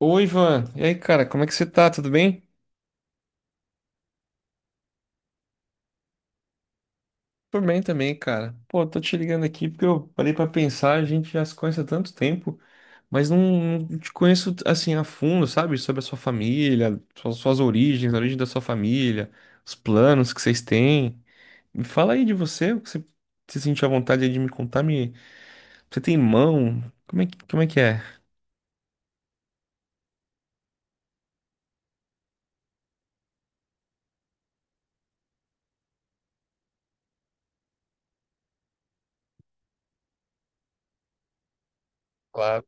Oi, Ivan. E aí, cara, como é que você tá? Tudo bem? Tô bem também, cara. Pô, tô te ligando aqui porque eu parei pra pensar, a gente já se conhece há tanto tempo, mas não te conheço assim a fundo, sabe? Sobre a sua família, suas origens, a origem da sua família, os planos que vocês têm. Me fala aí de você, o que você se sentir à vontade aí de me contar, me... Você tem irmão? Como é que é? Claro,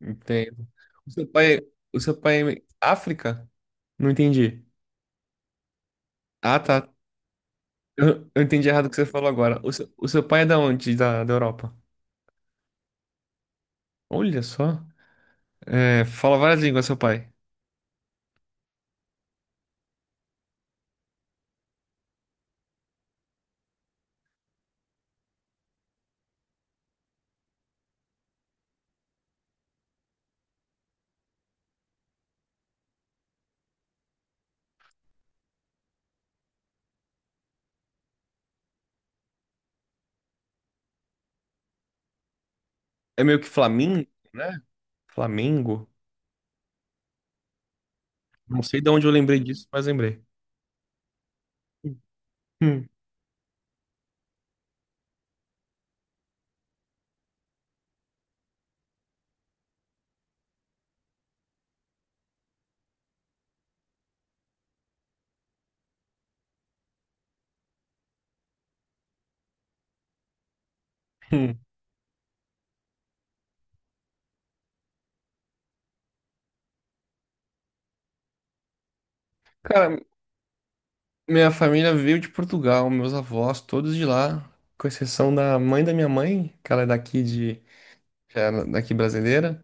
entendo. O seu pai, o seu pai é África? Não entendi. Ah, tá. Eu entendi errado o que você falou agora. O seu pai é da onde? Da Europa? Olha só. É, fala várias línguas, seu pai. É meio que Flamengo, né? Flamengo. Não sei de onde eu lembrei disso, mas lembrei. Hum, hum. Cara, minha família veio de Portugal, meus avós, todos de lá, com exceção da mãe da minha mãe, que ela é daqui de, já era daqui brasileira.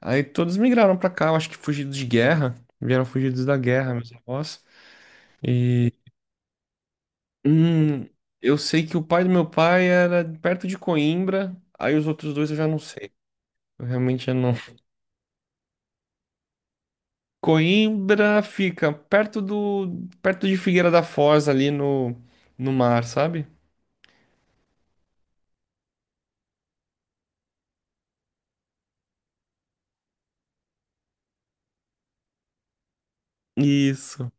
Aí todos migraram pra cá, eu acho que fugidos de guerra, vieram fugidos da guerra, meus avós. Hum, eu sei que o pai do meu pai era perto de Coimbra, aí os outros dois eu já não sei. Eu realmente já não. Coimbra fica perto de Figueira da Foz ali no, no mar, sabe? Isso.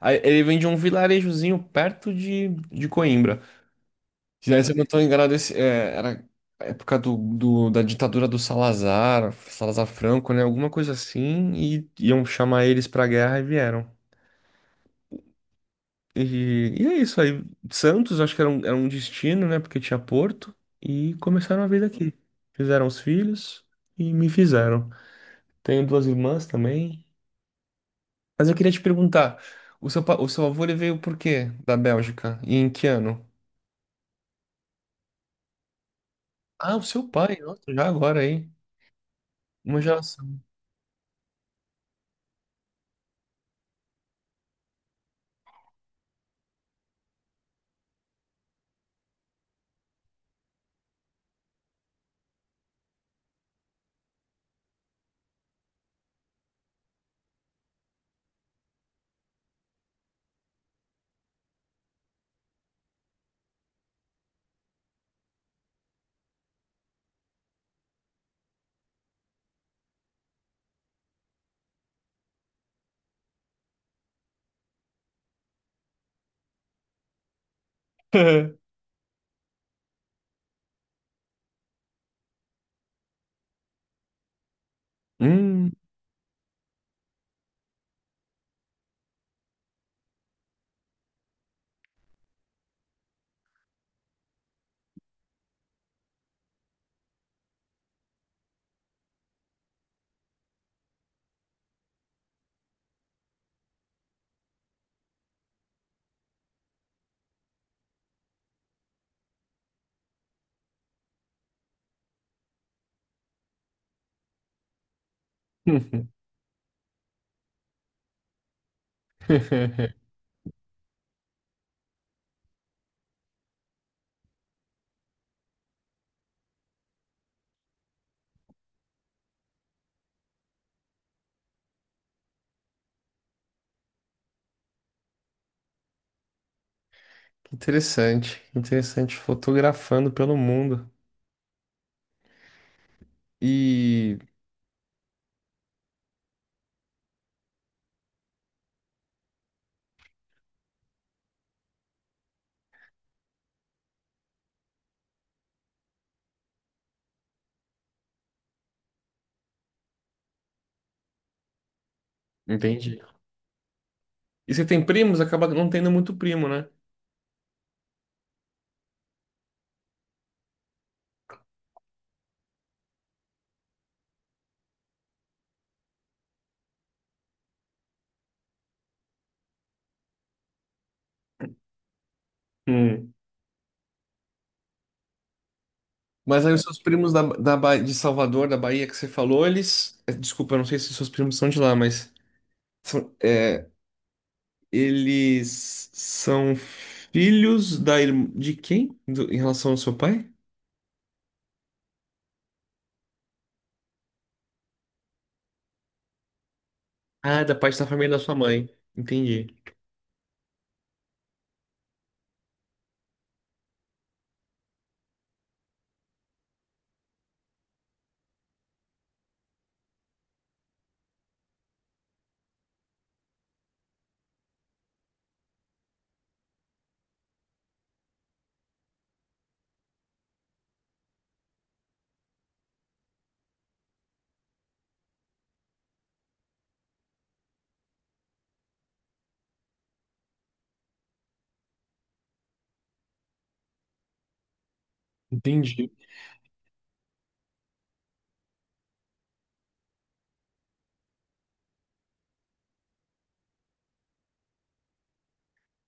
Aí ele vem de um vilarejozinho perto de Coimbra. Se daí, se eu não estou enganado, esse, é, era a época do, do- da ditadura do Salazar, Salazar Franco, né? Alguma coisa assim, e iam chamar eles pra guerra e vieram. E é isso aí. Santos, acho que era um destino, né? Porque tinha Porto. E começaram a vida aqui. Fizeram os filhos e me fizeram. Tenho duas irmãs também. Mas eu queria te perguntar: o seu, pa- o seu avô ele veio por quê da Bélgica? E em que ano? Ah, o seu pai, nossa, já agora aí. Uma geração. Hum. Que interessante, que interessante. Fotografando pelo mundo. E. Entendi. E você tem primos? Acaba não tendo muito primo, né? Hum. Mas aí os seus primos da Ba- de Salvador, da Bahia que você falou, eles. Eh, desculpa, eu não sei se seus primos são de lá, mas. São, é, eles são filhos da, irm- de quem? Do- em relação ao seu pai? Ah, da parte da família da sua mãe. Entendi. Entendi.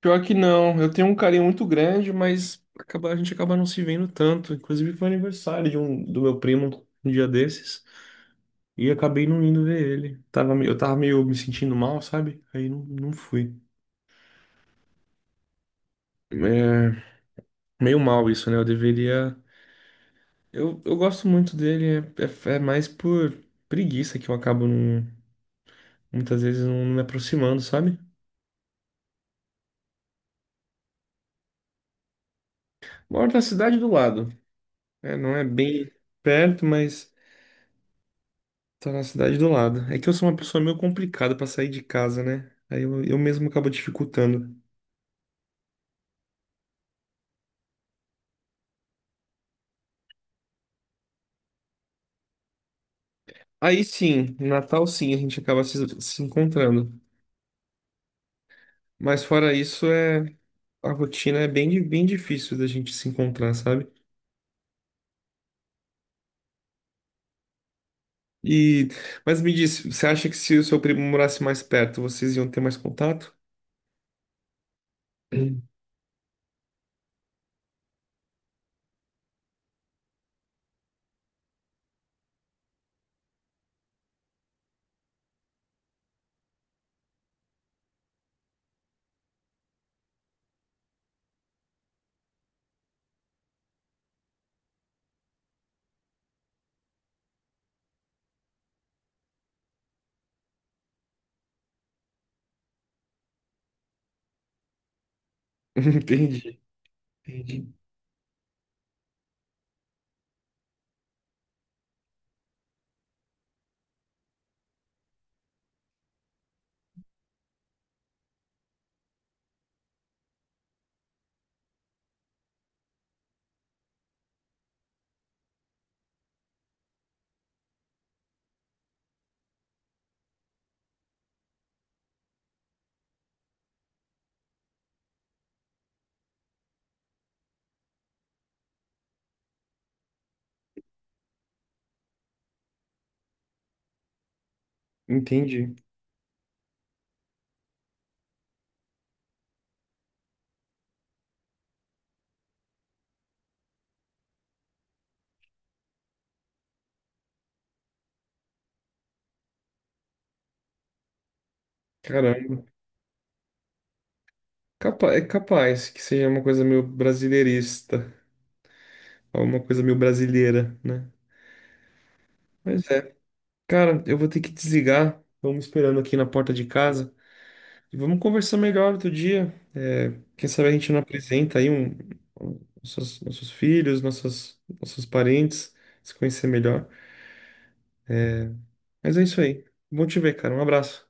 Pior que não, eu tenho um carinho muito grande, mas acaba, a gente acaba não se vendo tanto. Inclusive foi aniversário de um, do meu primo um dia desses. E acabei não indo ver ele. Tava, me- eu tava meio me sentindo mal, sabe? Aí não fui. É meio mal isso, né? Eu deveria. Eu gosto muito dele, é, é- é mais por preguiça que eu acabo não- muitas vezes não me aproximando, sabe? Moro na cidade do lado. É, não é bem perto, mas tô na cidade do lado. É que eu sou uma pessoa meio complicada pra sair de casa, né? Aí eu mesmo acabo dificultando. Aí sim, no Natal sim, a gente acaba se encontrando. Mas fora isso, é, a rotina é bem, di- bem difícil da gente se encontrar, sabe? E, mas me disse, você acha que se o seu primo morasse mais perto, vocês iam ter mais contato? Hum. Entendi, entendi, entendi. Caramba, capa- é capaz que seja uma coisa meio brasileirista, alguma coisa meio brasileira, né? Mas é, cara, eu vou ter que desligar. Vamos esperando aqui na porta de casa e vamos conversar melhor outro dia. É, quem sabe a gente não apresenta aí um- nossos filhos, nossas, nossos parentes, se conhecer melhor. Mas é isso aí. Bom te ver, cara. Um abraço.